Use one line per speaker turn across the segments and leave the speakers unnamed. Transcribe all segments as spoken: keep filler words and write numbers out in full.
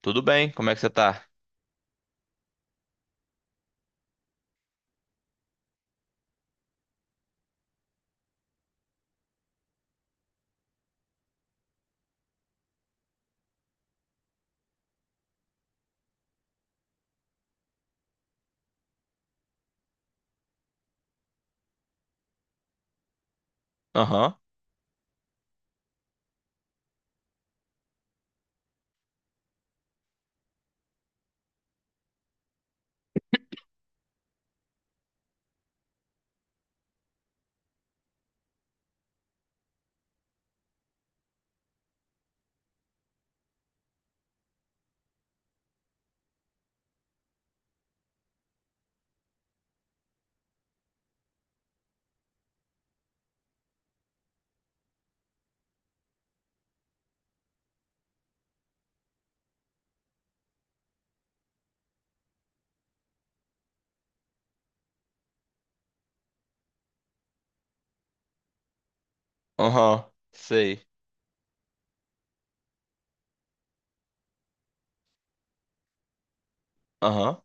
Tudo bem, como é que você tá? Aham, aham, sei. Aham,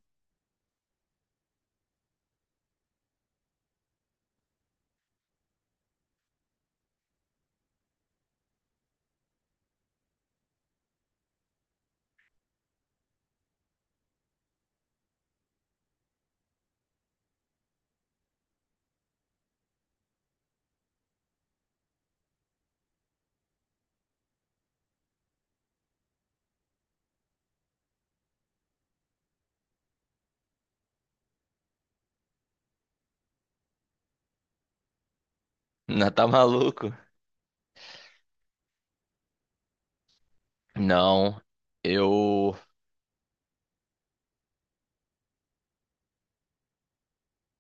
não tá maluco? Não, eu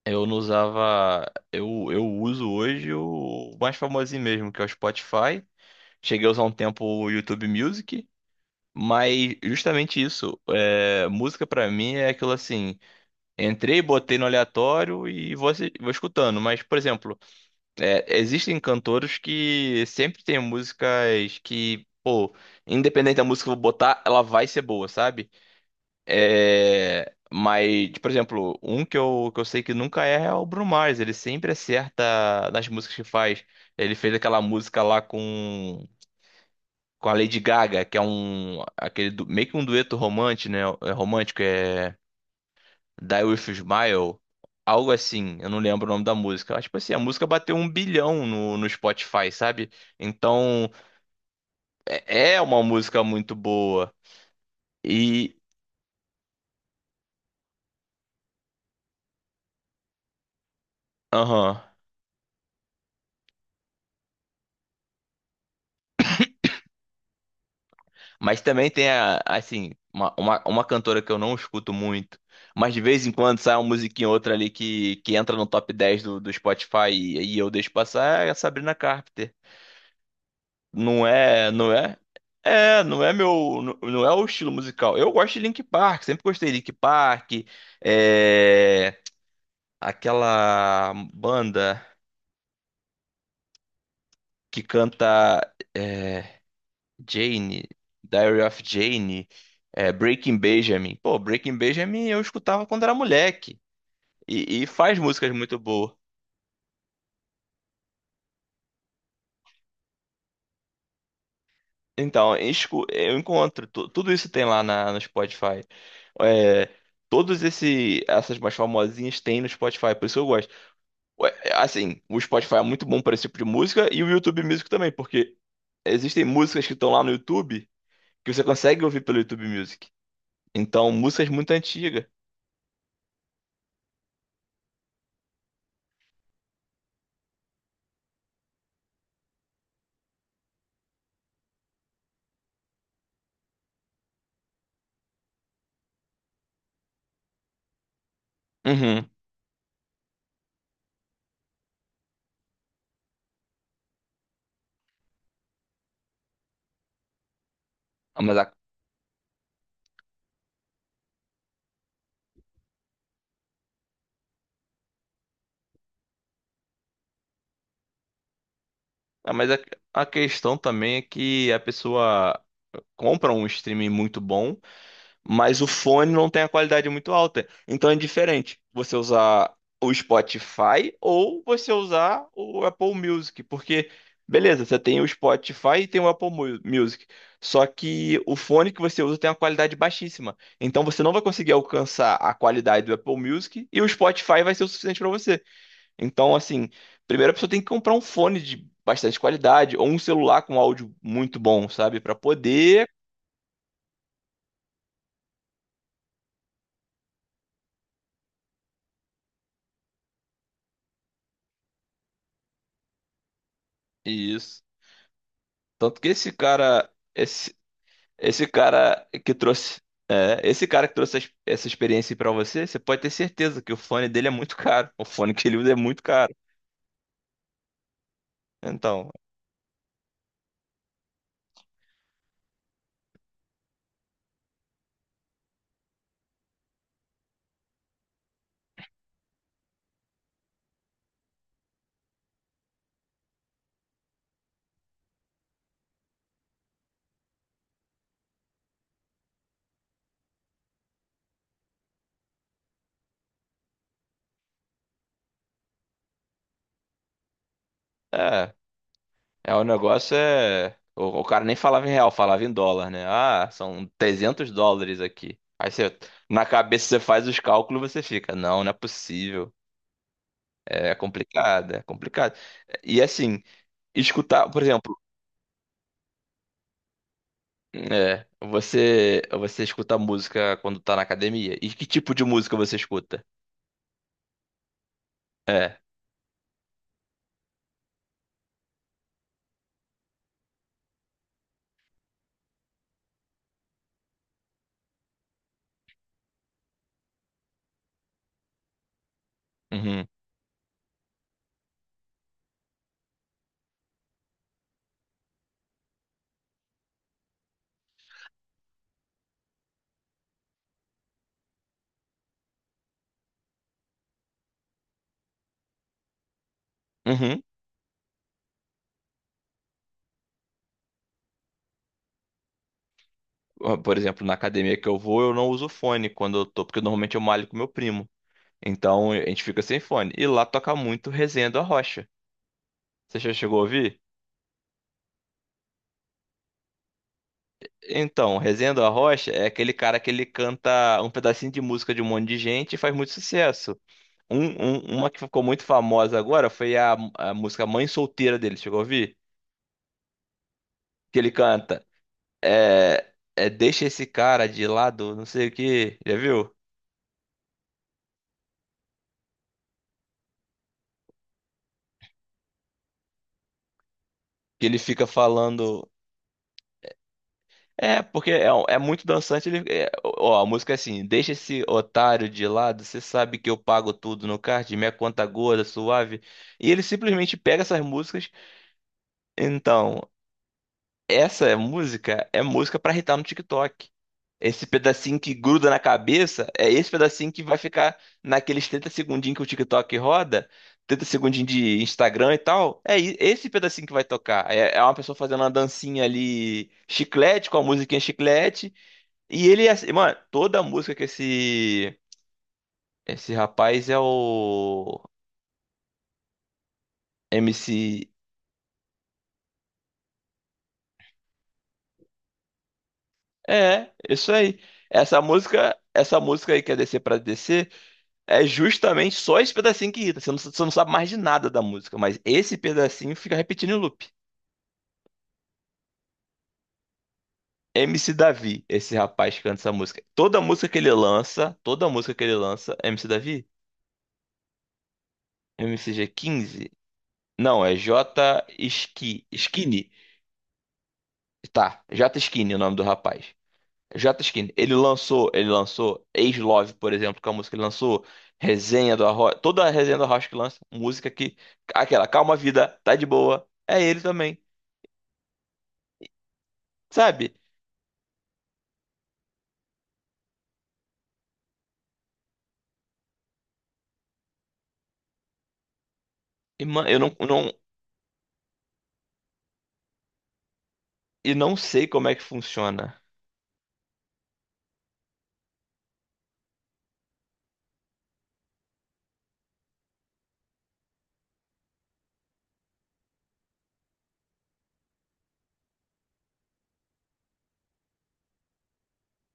eu não usava. Eu, eu uso hoje o mais famosinho mesmo, que é o Spotify. Cheguei a usar um tempo o YouTube Music, mas justamente isso, é, música pra mim é aquilo assim, entrei, botei no aleatório e vou, assi- vou escutando, mas por exemplo, É, existem cantores que sempre tem músicas que, pô, independente da música que eu vou botar, ela vai ser boa, sabe? É, mas, por exemplo, um que eu, que eu sei que nunca erra é o Bruno Mars. Ele sempre acerta nas músicas que faz. Ele fez aquela música lá com, com a Lady Gaga, que é um, aquele, du- meio que um dueto romântico, né? É romântico, é Die With a Smile, algo assim, eu não lembro o nome da música. Mas, tipo assim, a música bateu um bilhão no, no Spotify, sabe? Então, é é uma música muito boa. E, aham. Mas também tem, a, assim, uma, uma, uma cantora que eu não escuto muito, mas de vez em quando sai uma musiquinha ou outra ali que, que entra no top dez do, do Spotify e, e eu deixo passar, é a Sabrina Carpenter. Não é, não é? É, não é meu, não não é o estilo musical. Eu gosto de Linkin Park, sempre gostei de Linkin Park. É, aquela banda que canta é, Jane, Diary of Jane, é, Breaking Benjamin. Pô, Breaking Benjamin eu escutava quando era moleque e, e faz músicas muito boas. Então, escu- eu encontro, tu- tudo isso tem lá na, no Spotify. É, todos esse, essas mais famosinhas tem no Spotify, por isso que eu gosto. Ué, é, assim, o Spotify é muito bom para esse tipo de música e o YouTube Music também, porque existem músicas que estão lá no YouTube que você consegue ouvir pelo YouTube Music. Então, músicas muito antigas. Uhum. Ah, Mas, a, ah, mas a, a questão também é que a pessoa compra um streaming muito bom, mas o fone não tem a qualidade muito alta. Então é diferente você usar o Spotify ou você usar o Apple Music, porque beleza, você tem o Spotify e tem o Apple Mu- Music, só que o fone que você usa tem uma qualidade baixíssima. Então você não vai conseguir alcançar a qualidade do Apple Music e o Spotify vai ser o suficiente para você. Então assim, primeiro a pessoa tem que comprar um fone de bastante qualidade ou um celular com áudio muito bom, sabe, para poder. Isso. Tanto que esse cara, esse, esse cara que trouxe, é, esse cara que trouxe as- essa experiência para você, você pode ter certeza que o fone dele é muito caro. O fone que ele usa é muito caro. Então, é, é o negócio é, o, o cara nem falava em real, falava em dólar, né? Ah, são trezentos dólares aqui. Aí você, na cabeça você faz os cálculos, você fica, não, não é possível. É complicado, é complicado. E assim, escutar, por exemplo, é, você você escuta música quando tá na academia? E que tipo de música você escuta? É. Uhum. Uhum. Ó, por exemplo, na academia que eu vou, eu não uso fone quando eu tô, porque normalmente eu malho com meu primo. Então, a gente fica sem fone. E lá toca muito Resenha do Arrocha. Você já chegou a ouvir? Então, Resenha do Arrocha é aquele cara que ele canta um pedacinho de música de um monte de gente e faz muito sucesso. Um, um- uma que ficou muito famosa agora foi a, a música Mãe Solteira dele. Chegou a ouvir? Que ele canta. É, é deixa esse cara de lado, não sei o que, já viu? Que ele fica falando. É, porque é, um- é muito dançante. Ele, é, ó, a música é assim: deixa esse otário de lado, você sabe que eu pago tudo no card, minha conta gorda, suave. E ele simplesmente pega essas músicas. Então, essa música é música pra irritar no TikTok. Esse pedacinho que gruda na cabeça é esse pedacinho que vai ficar naqueles trinta segundinhos que o TikTok roda, trinta segundinhos de Instagram e tal. É i- esse pedacinho que vai tocar. É, é uma pessoa fazendo uma dancinha ali, chiclete, com a musiquinha chiclete. E ele, é assim- mano, toda a música que esse, esse rapaz é o M C. É, isso aí. Essa música, essa música aí que é descer pra descer. É justamente só esse pedacinho que irrita. Você não, você não sabe mais de nada da música, mas esse pedacinho fica repetindo em loop. M C Davi, esse rapaz que canta essa música. Toda música que ele lança, toda música que ele lança, M C Davi? M C G quinze? Não, é J Ski, Skinny. Tá, J Skinny é o nome do rapaz. J Skinny. Ele lançou, ele lançou Ex Love, por exemplo, que é uma música que ele lançou. Resenha do Arroz, toda a resenha do Arroz que lança, música que aquela Calma Vida, tá de boa, é ele também. Sabe? E, mano, eu não, eu não, e não sei como é que funciona.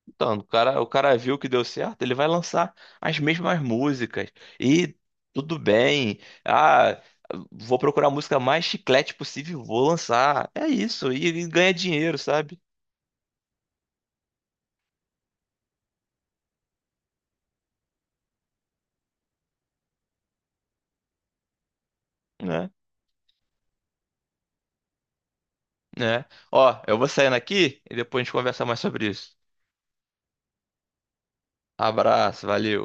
Então, o cara, o cara viu que deu certo, ele vai lançar as mesmas músicas. E tudo bem. Ah, vou procurar a música mais chiclete possível, e vou lançar. É isso. E, e ganha dinheiro, sabe? Né? Né? Ó, eu vou saindo aqui e depois a gente conversa mais sobre isso. Abraço, valeu.